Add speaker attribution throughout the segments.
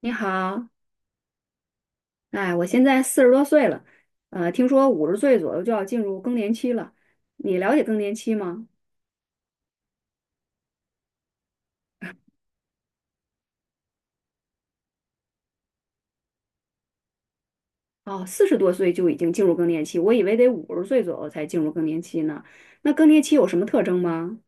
Speaker 1: 你好，哎，我现在四十多岁了，听说五十岁左右就要进入更年期了。你了解更年期吗？哦，四十多岁就已经进入更年期，我以为得五十岁左右才进入更年期呢。那更年期有什么特征吗？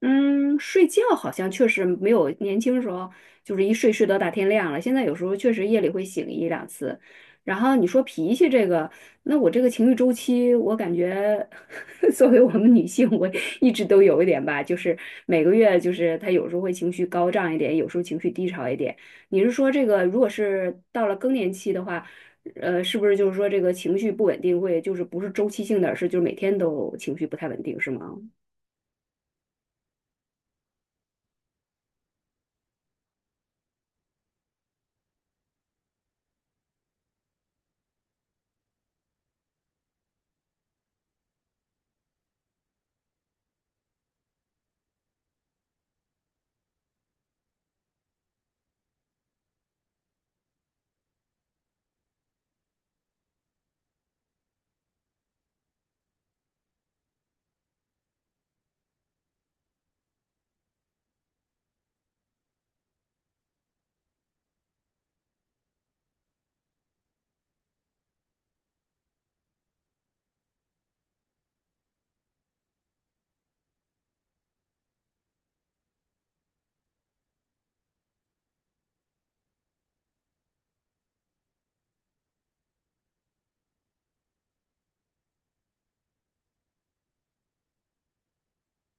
Speaker 1: 嗯，睡觉好像确实没有年轻时候，就是一睡到大天亮了。现在有时候确实夜里会醒一两次。然后你说脾气这个，那我这个情绪周期，我感觉 作为我们女性，我一直都有一点吧，就是每个月就是她有时候会情绪高涨一点，有时候情绪低潮一点。你是说这个，如果是到了更年期的话，是不是就是说这个情绪不稳定会就是不是周期性的，而是就是每天都情绪不太稳定，是吗？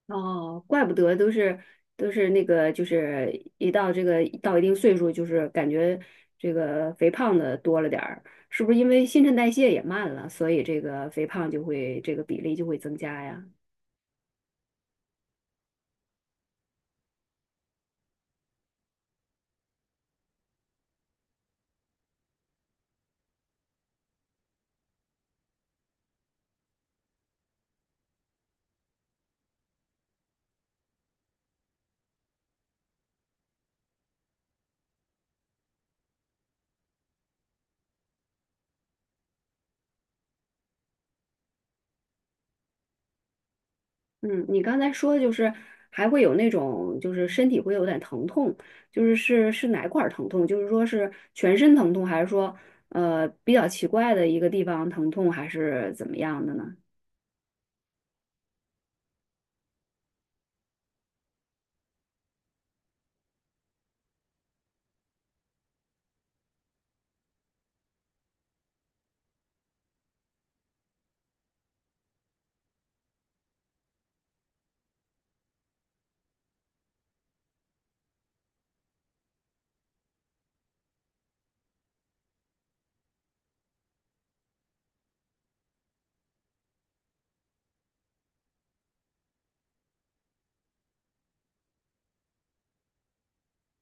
Speaker 1: 哦，怪不得都是那个，就是一到这个到一定岁数，就是感觉这个肥胖的多了点儿，是不是因为新陈代谢也慢了，所以这个肥胖就会这个比例就会增加呀？嗯，你刚才说就是还会有那种就是身体会有点疼痛，就是是哪块儿疼痛？就是说是全身疼痛，还是说比较奇怪的一个地方疼痛，还是怎么样的呢？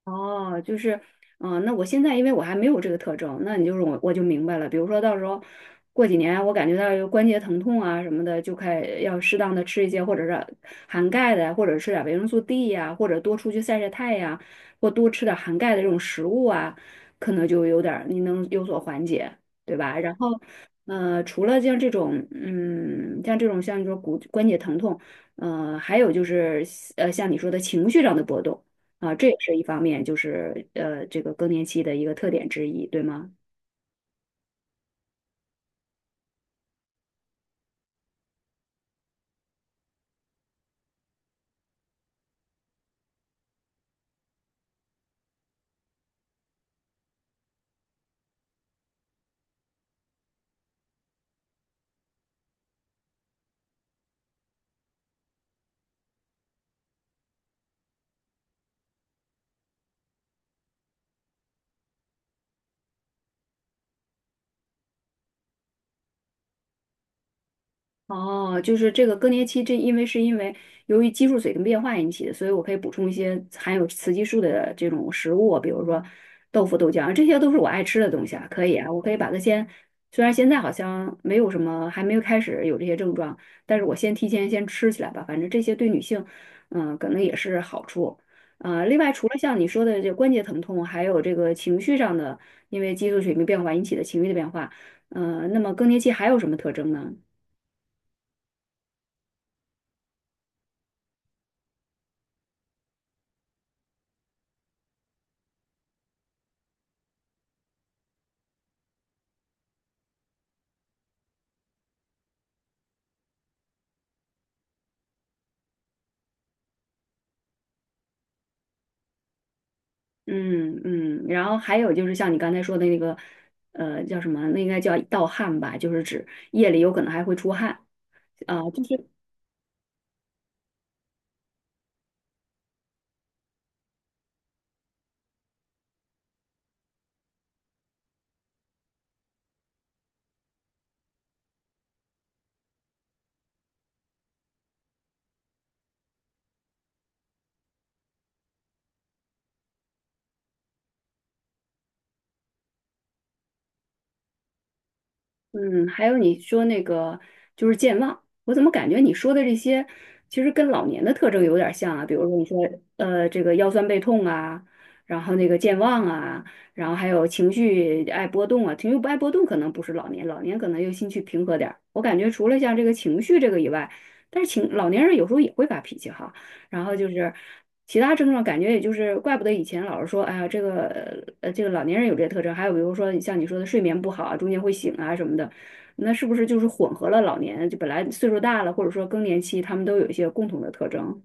Speaker 1: 哦，就是，嗯、那我现在因为我还没有这个特征，那你就是我就明白了。比如说到时候过几年，我感觉到有关节疼痛啊什么的，就开要适当的吃一些，或者是含钙的呀，或者吃点维生素 D 呀、或者多出去晒晒太阳，或多吃点含钙的这种食物啊，可能就有点儿你能有所缓解，对吧？然后，除了像这种，嗯，像这种像你说骨关节疼痛，还有就是像你说的情绪上的波动。啊，这也是一方面，就是这个更年期的一个特点之一，对吗？哦，就是这个更年期，这因为是因为由于激素水平变化引起的，所以我可以补充一些含有雌激素的这种食物，比如说豆腐、豆浆，这些都是我爱吃的东西啊，可以啊，我可以把它先，虽然现在好像没有什么，还没有开始有这些症状，但是我先提前先吃起来吧，反正这些对女性，嗯，可能也是好处。另外除了像你说的这关节疼痛，还有这个情绪上的，因为激素水平变化引起的情绪的变化，那么更年期还有什么特征呢？嗯嗯，然后还有就是像你刚才说的那个，叫什么？那应该叫盗汗吧，就是指夜里有可能还会出汗啊，就是嗯，还有你说那个就是健忘，我怎么感觉你说的这些其实跟老年的特征有点像啊？比如说你说这个腰酸背痛啊，然后那个健忘啊，然后还有情绪爱波动啊，情绪不爱波动可能不是老年，老年可能又心绪平和点儿。我感觉除了像这个情绪这个以外，但是情老年人有时候也会发脾气哈，然后就是。其他症状感觉也就是，怪不得以前老是说，哎呀，这个这个老年人有这些特征，还有比如说像你说的睡眠不好啊，中间会醒啊什么的，那是不是就是混合了老年，就本来岁数大了，或者说更年期，他们都有一些共同的特征？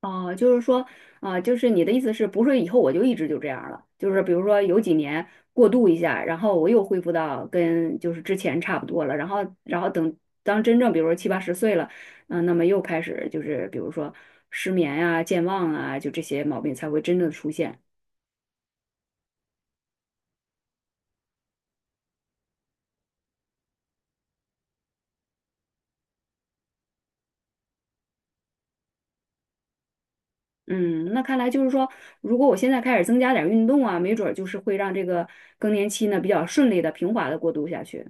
Speaker 1: 哦，就是说，啊、就是你的意思是不是以后我就一直就这样了？就是比如说有几年过渡一下，然后我又恢复到跟就是之前差不多了，然后然后等当真正比如说七八十岁了，嗯、那么又开始就是比如说失眠啊、健忘啊，就这些毛病才会真正的出现。嗯，那看来就是说，如果我现在开始增加点儿运动啊，没准儿就是会让这个更年期呢比较顺利的、平滑的过渡下去。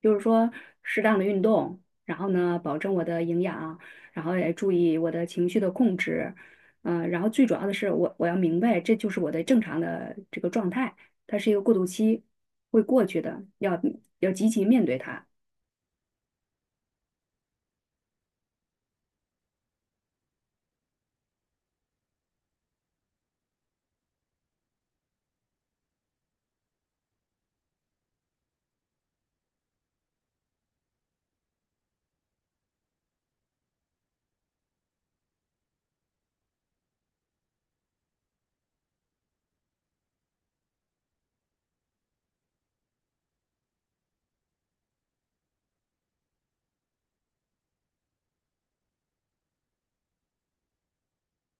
Speaker 1: 就是说适当的运动，然后呢，保证我的营养，然后也注意我的情绪的控制，嗯、然后最主要的是我要明白这就是我的正常的这个状态，它是一个过渡期，会过去的，要积极面对它。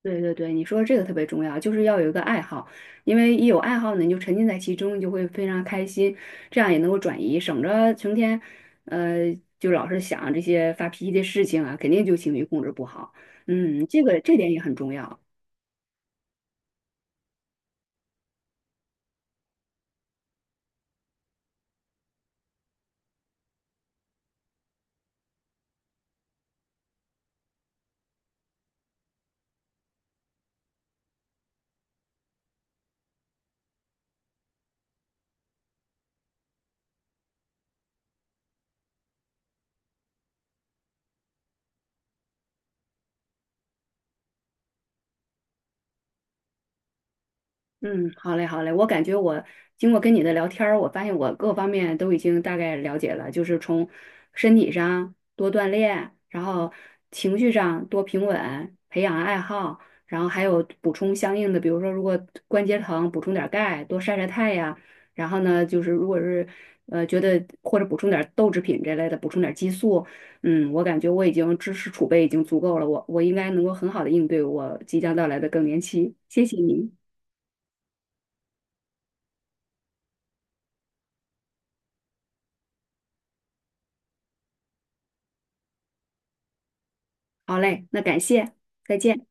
Speaker 1: 对对对，你说这个特别重要，就是要有一个爱好，因为一有爱好呢，你就沉浸在其中，你就会非常开心，这样也能够转移，省着成天，呃，就老是想这些发脾气的事情啊，肯定就情绪控制不好。嗯，这个这点也很重要。嗯，好嘞，好嘞。我感觉我经过跟你的聊天儿，我发现我各方面都已经大概了解了，就是从身体上多锻炼，然后情绪上多平稳，培养爱好，然后还有补充相应的，比如说如果关节疼，补充点儿钙，多晒晒太阳。然后呢，就是如果是觉得或者补充点儿豆制品这类的，补充点儿激素。嗯，我感觉我已经知识储备已经足够了，我应该能够很好的应对我即将到来的更年期。谢谢您。好嘞，那感谢，再见。